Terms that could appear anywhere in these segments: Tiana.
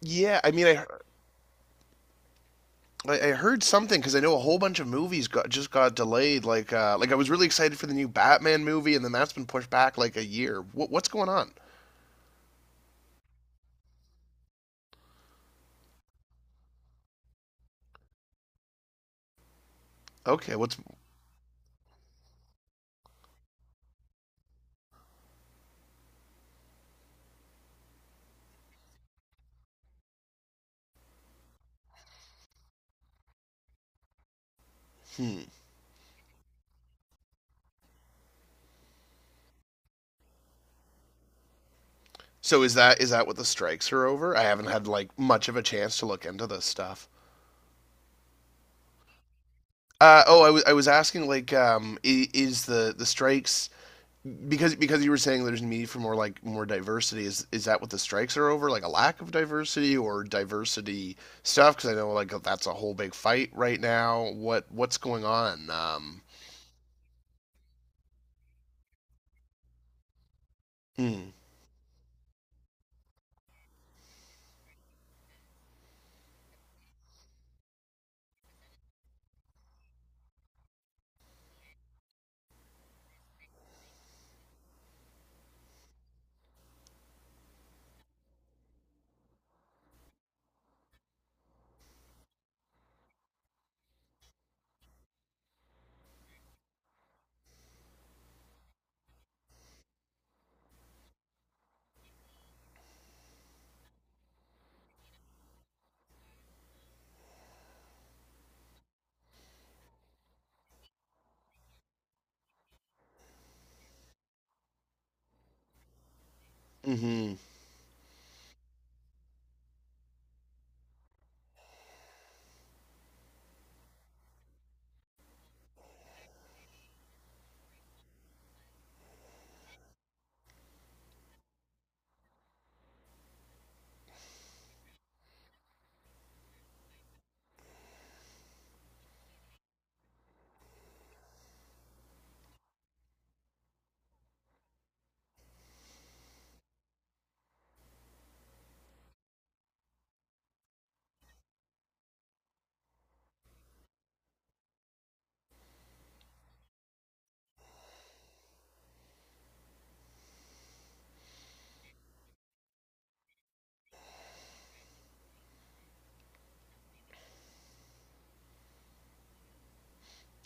Yeah, I mean, I heard something because I know a whole bunch of movies got just got delayed. Like I was really excited for the new Batman movie, and then that's been pushed back like a year. What's going on? Okay, what's. Hmm. So is that what the strikes are over? I haven't had like much of a chance to look into this stuff. Oh, I was asking like, is the strikes because you were saying there's a need for more like more diversity. Is that what the strikes are over, like a lack of diversity or diversity stuff? Because I know like that's a whole big fight right now. What's going on? Hmm. Mm-hmm.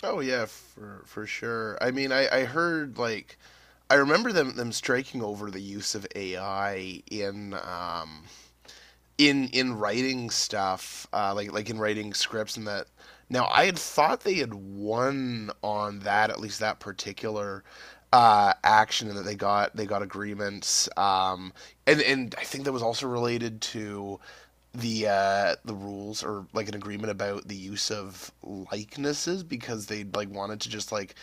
Oh yeah, for sure. I mean I heard like I remember them striking over the use of AI in writing stuff, like in writing scripts and that. Now I had thought they had won on that, at least that particular action, and that they got agreements. And I think that was also related to the rules, or like an agreement about the use of likenesses, because they like wanted to just like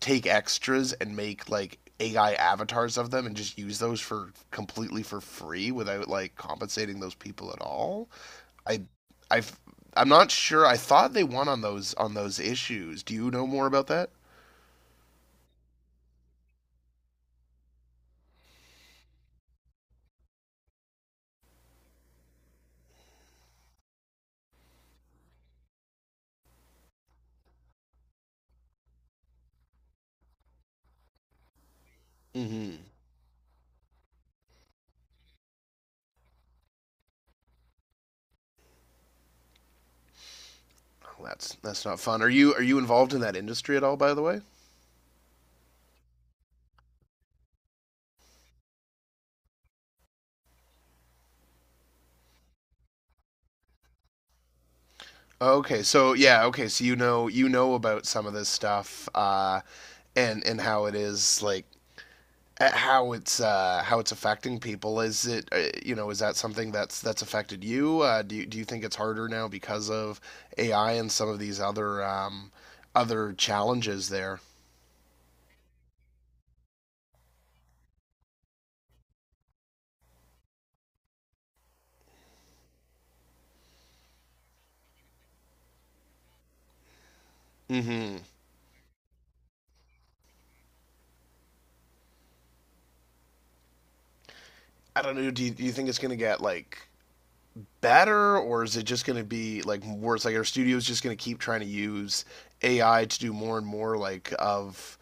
take extras and make like AI avatars of them and just use those for completely for free without like compensating those people at all. I I I'm not sure. I thought they won on those issues. Do you know more about that? Mm-hmm. That's not fun. Are you involved in that industry at all, by the way? Okay, so yeah, okay, so you know about some of this stuff, and how it is like at how it's affecting people. Is it, you know, is that something that's affected you? Do you think it's harder now because of AI and some of these other other challenges there? Mm-hmm. I don't know. Do you think it's going to get like better, or is it just going to be like worse? Like our studio's just going to keep trying to use AI to do more and more like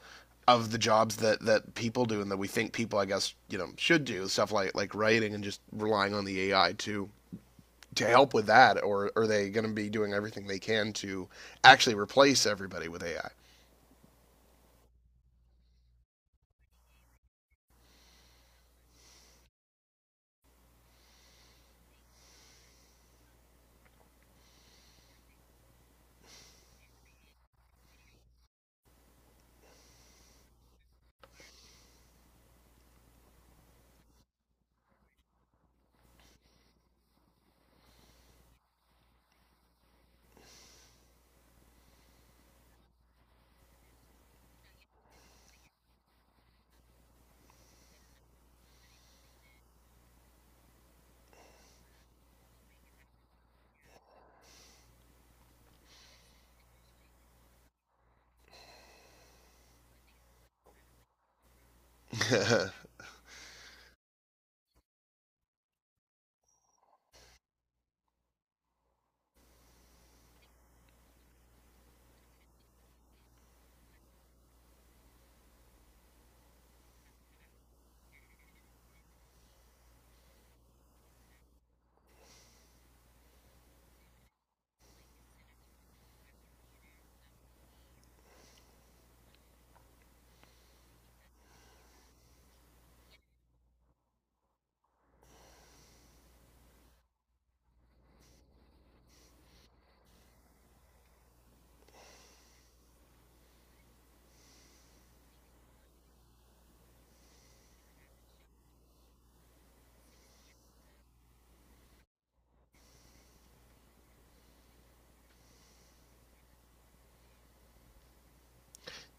of the jobs that that people do, and that we think people, I guess, you know, should do, stuff like writing, and just relying on the AI to help with that? Or are they going to be doing everything they can to actually replace everybody with AI?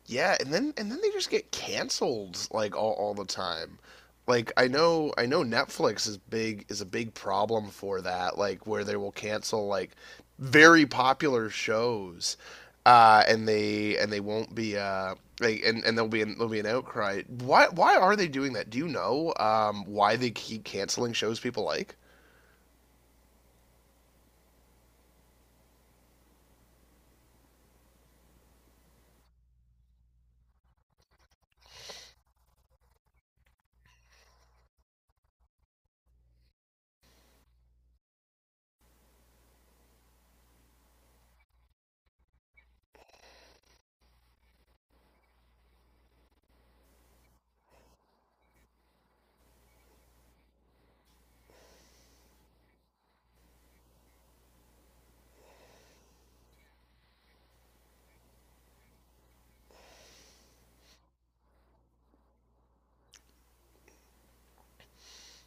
yeah, and then they just get canceled like all the time. Like I know Netflix is big, is a big problem for that. Like where they will cancel like very popular shows, and they won't be like, and there'll be an outcry. Why are they doing that? Do you know, why they keep canceling shows people like?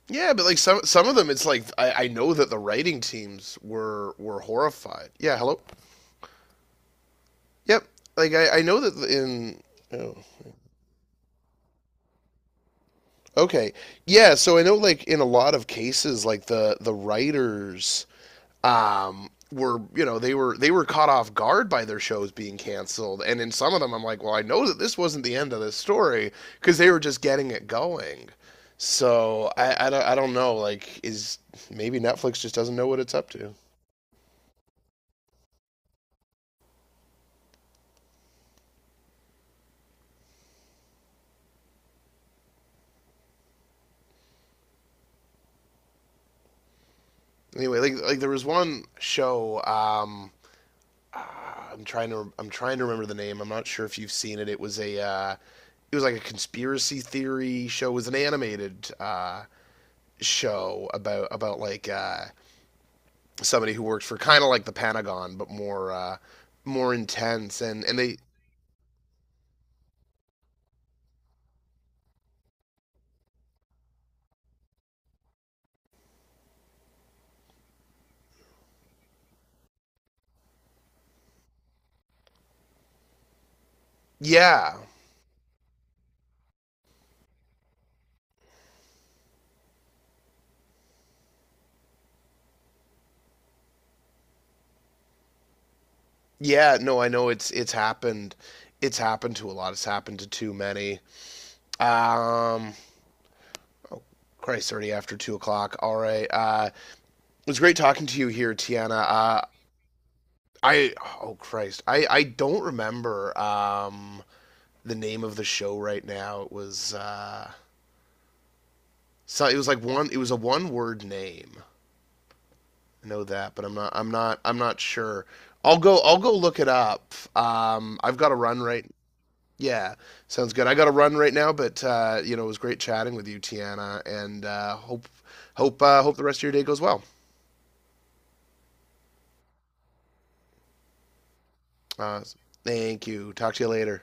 Yeah, but like some of them, it's like I know that the writing teams were horrified. Yeah, hello. Yep. Like I know that in, oh, okay, yeah. So I know like in a lot of cases, like the writers, were, you know, they were caught off guard by their shows being canceled. And in some of them, I'm like, well, I know that this wasn't the end of this story, because they were just getting it going. So I don't know, like, is maybe Netflix just doesn't know what it's up to. Anyway, like there was one show. I'm trying to remember the name. I'm not sure if you've seen it. It was a it was like a conspiracy theory show. It was an animated show about like, somebody who worked for kind of like the Pentagon, but more, more intense. And they, yeah. Yeah, no, I know it's happened, it's happened to a lot. It's happened to too many. Um, Christ, already after 2 o'clock. All right. It was great talking to you here, Tiana. I Oh Christ, I don't remember the name of the show right now. It was so it was like one, it was a one word name. I know that, but I'm not sure. I'll go look it up. Um, I've got to run right. Yeah, sounds good. I got to run right now, but uh, you know, it was great chatting with you, Tiana, and hope the rest of your day goes well. Uh Thank you. Talk to you later.